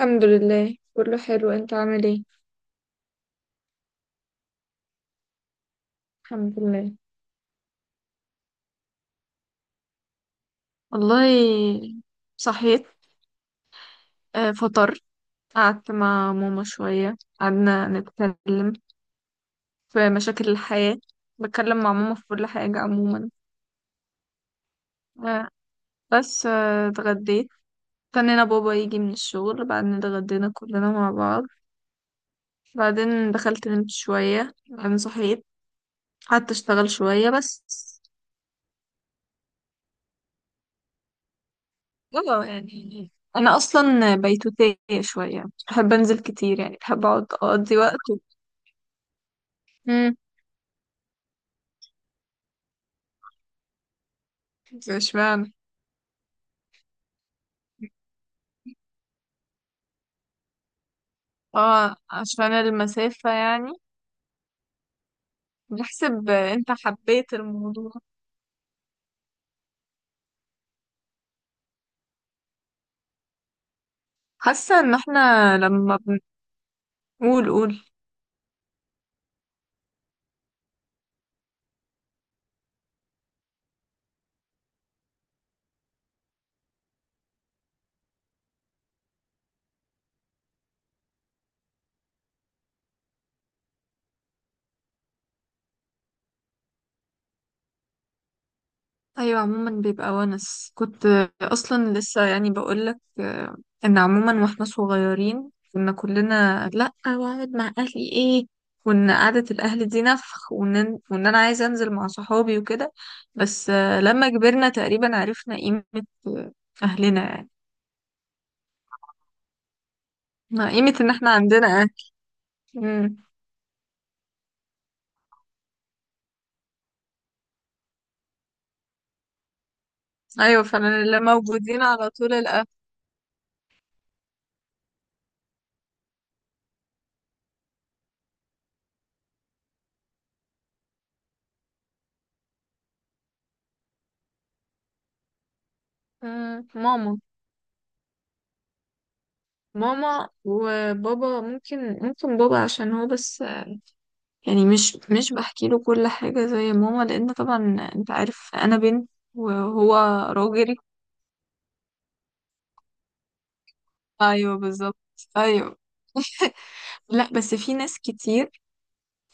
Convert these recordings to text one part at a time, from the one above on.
الحمد لله كله حلو، انت عامل ايه؟ الحمد لله. والله، صحيت. فطرت. قعدت مع ماما شوية، قعدنا نتكلم في مشاكل الحياة. بتكلم مع ماما في كل حاجة عموما. آه، بس اتغديت. استنينا بابا يجي من الشغل، بعدين اتغدينا كلنا مع بعض. بعدين دخلت نمت شوية، بعدين صحيت. قعدت اشتغل شوية بس. اه، يعني انا اصلا بيتوتية شوية، بحب انزل كتير يعني، بحب اقعد اقضي وقت. امم. اشمعنى؟ اه، عشان المسافة يعني. بحسب انت حبيت الموضوع؟ حاسة ان احنا لما بنقول قول. ايوه، عموما بيبقى ونس، كنت اصلا لسه يعني بقولك. ان عموما واحنا صغيرين كنا كلنا لا، واقعد مع اهلي ايه، وان قعدة الاهل دي نفخ، وان انا عايزه انزل مع صحابي وكده. بس لما كبرنا تقريبا عرفنا قيمة آه، اهلنا يعني. ما قيمة ان احنا عندنا اهل. مم. ايوه فعلا، اللي موجودين على طول الاهل. مم. ماما. ماما وبابا، ممكن بابا عشان هو بس، يعني مش بحكي له كل حاجة زي ماما، لأن طبعا أنت عارف أنا بنت وهو راجل. أيوه بالظبط. أيوه. لا، بس في ناس كتير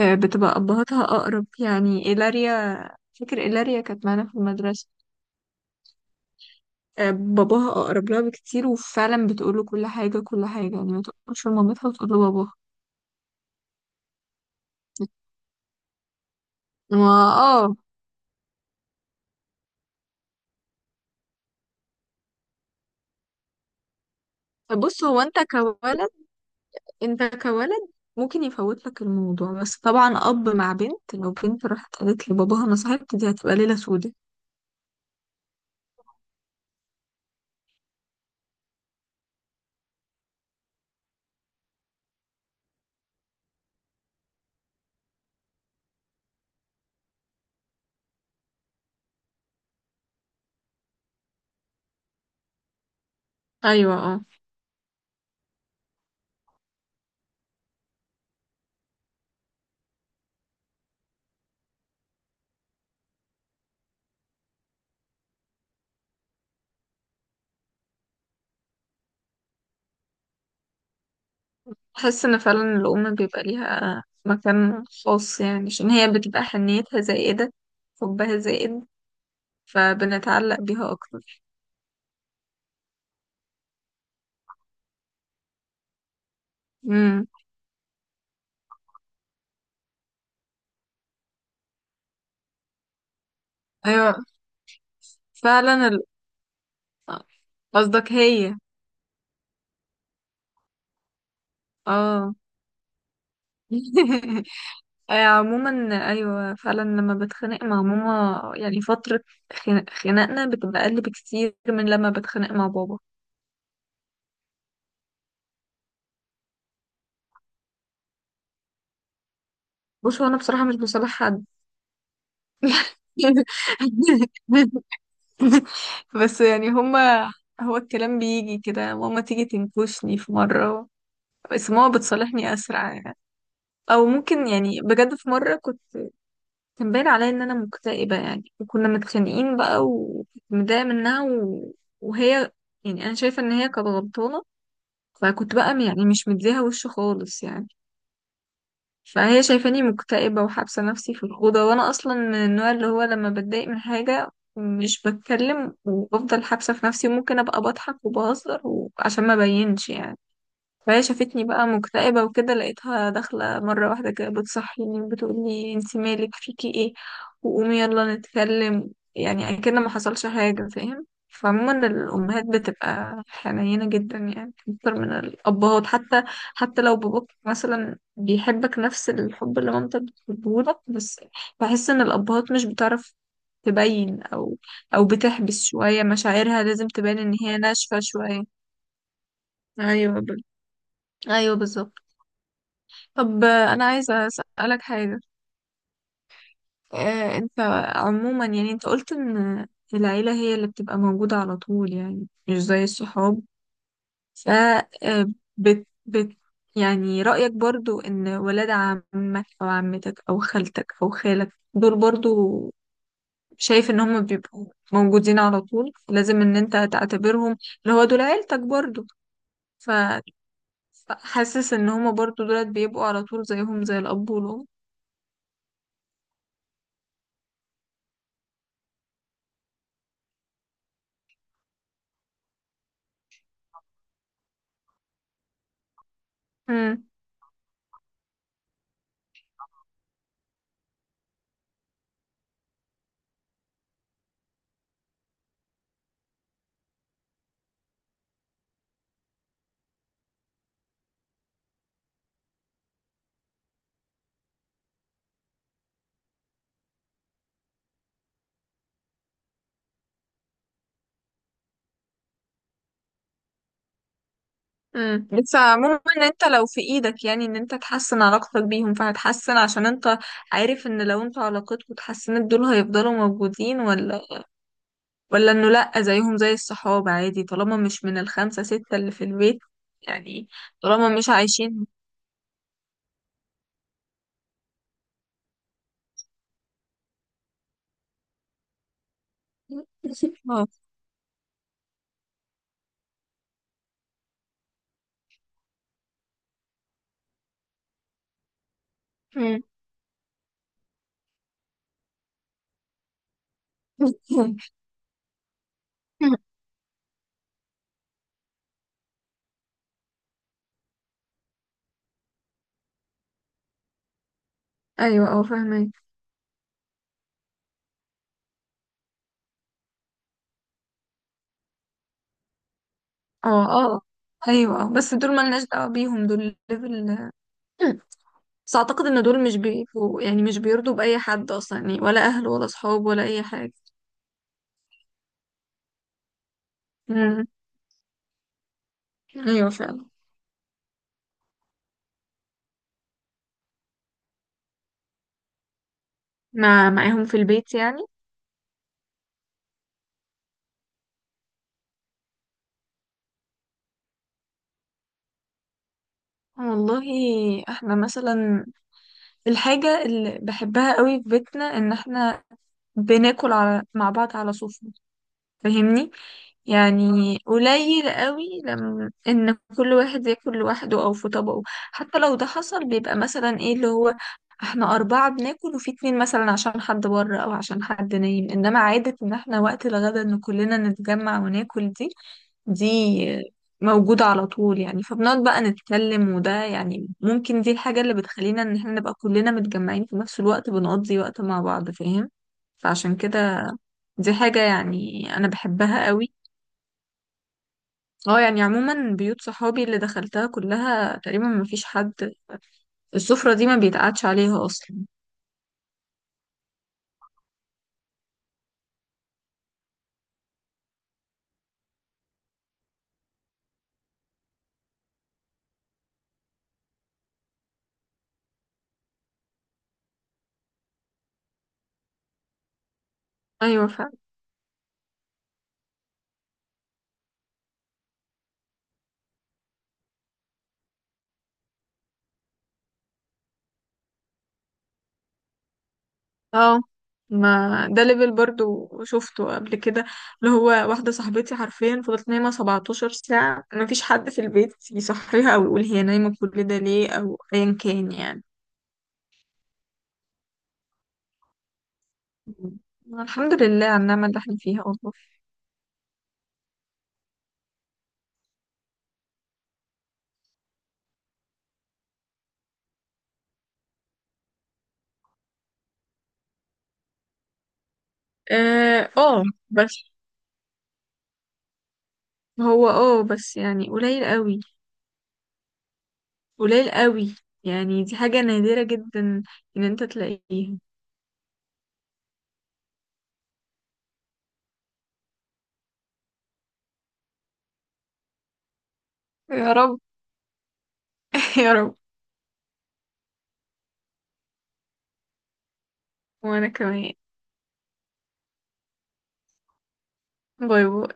بتبقى أبهاتها أقرب، يعني إيلاريا. فاكر إيلاريا كانت معانا في المدرسة. باباها أقرب لها بكتير، وفعلا بتقول له كل حاجة كل حاجة يعني، ما تقولش لمامتها وتقول له باباها. ما، اه. بص هو أنت كولد. انت كولد. ممكن يفوت لك الموضوع، بس طبعا اب مع بنت، لو بنت راحت قالت لباباها انا صاحبت، دي هتبقى ليله سودة. ايوه اه. بحس ان فعلا الام بيبقى ليها مكان خاص يعني، عشان هي بتبقى حنيتها زائده، حبها زائد، فبنتعلق بيها اكتر. امم. ايوه فعلا قصدك هي. اه. عموما. ايوه فعلا، لما بتخانق مع ماما يعني فتره، خناقنا بتبقى اقل بكتير من لما بتخانق مع بابا. بص هو انا بصراحه مش بصالح حد. بس يعني هما، هو الكلام بيجي كده، ماما تيجي تنكشني في مره، بس ماما بتصالحني اسرع يعني. او ممكن يعني، بجد في مره كنت، كان باين عليا ان انا مكتئبه يعني، وكنا متخانقين بقى، وكنت متضايقه منها، و... وهي يعني، انا شايفه ان هي كانت غلطانه، فكنت بقى يعني مش مديها وش خالص يعني. فهي شايفاني مكتئبة وحابسة نفسي في الأوضة، وأنا أصلا من النوع اللي هو لما بتضايق من حاجة مش بتكلم، وبفضل حابسة في نفسي، وممكن أبقى بضحك وبهزر وعشان ما بينش يعني. فهي شافتني بقى مكتئبة وكده، لقيتها داخلة مرة واحدة كده بتصحيني وبتقولي انتي مالك فيكي ايه، وقومي يلا نتكلم، يعني اكن ما حصلش حاجة فاهم. فعموما الأمهات بتبقى حنينة جدا يعني، أكتر من الأبهات حتى. حتى لو باباك مثلا بيحبك نفس الحب اللي مامتك بتحبهولك، بس بحس إن الأبهات مش بتعرف تبين، أو أو بتحبس شوية مشاعرها، لازم تبان إن هي ناشفة شوية. أيوه أيوه بالظبط. طب انا عايزه اسالك حاجه. انت عموما يعني، انت قلت ان العيله هي اللي بتبقى موجوده على طول، يعني مش زي الصحاب. ف آه، بت بت يعني رايك برضو ان ولاد عمك او عمتك او خالتك او خالك دول برضو، شايف ان هم بيبقوا موجودين على طول، لازم ان انت تعتبرهم اللي هو دول عيلتك برضو؟ ف فحاسس ان هم برضو دولت بيبقوا على طول زيهم زي الاب والام؟ امم. بس عموما، ان انت لو في ايدك يعني ان انت تحسن علاقتك بيهم فهتحسن، عشان انت عارف ان لو انت علاقتكوا اتحسنت دول هيفضلوا موجودين، ولا انه لا، زيهم زي الصحاب عادي طالما مش من الخمسة ستة اللي في البيت يعني، طالما مش عايشين. اه. أمم. ايوه اه فاهمك. اه اه. ايوه اه، بس دول ملناش دعوة بيهم، دول ليفل. بس اعتقد ان دول مش بيبقوا يعني، مش بيرضوا باي حد اصلا يعني، ولا اهل ولا اصحاب ولا اي حاجة. مم. ايوه فعلا. مع معاهم في البيت يعني؟ والله، احنا مثلا الحاجة اللي بحبها قوي في بيتنا ان احنا بناكل مع بعض على صوف، فاهمني؟ يعني قليل قوي لما ان كل واحد ياكل لوحده او في طبقه، حتى لو ده حصل بيبقى مثلا ايه اللي هو احنا اربعة بناكل وفي اتنين مثلا عشان حد بره او عشان حد نايم، انما عادة ان احنا وقت الغدا ان كلنا نتجمع وناكل، دي موجودة على طول يعني. فبنقعد بقى نتكلم وده يعني، ممكن دي الحاجة اللي بتخلينا ان احنا نبقى كلنا متجمعين في نفس الوقت، بنقضي وقت مع بعض فاهم. فعشان كده، دي حاجة يعني أنا بحبها قوي. اه يعني، عموما بيوت صحابي اللي دخلتها كلها تقريبا ما فيش حد، السفرة دي ما بيتقعدش عليها أصلا. أيوة فعلا. اه، ما ده ليفل برضو شفته قبل كده، اللي هو واحدة صاحبتي حرفيا فضلت نايمة 17 ساعة، ما فيش حد في البيت يصحيها أو يقول هي نايمة كل ده ليه أو أيا كان يعني. الحمد لله على النعمة اللي احنا فيها والله. اه. بس هو اه بس يعني، قليل قوي، قليل قوي، يعني دي حاجة نادرة جدا ان انت تلاقيها. يا رب. يا رب. وانا كمان. باي باي.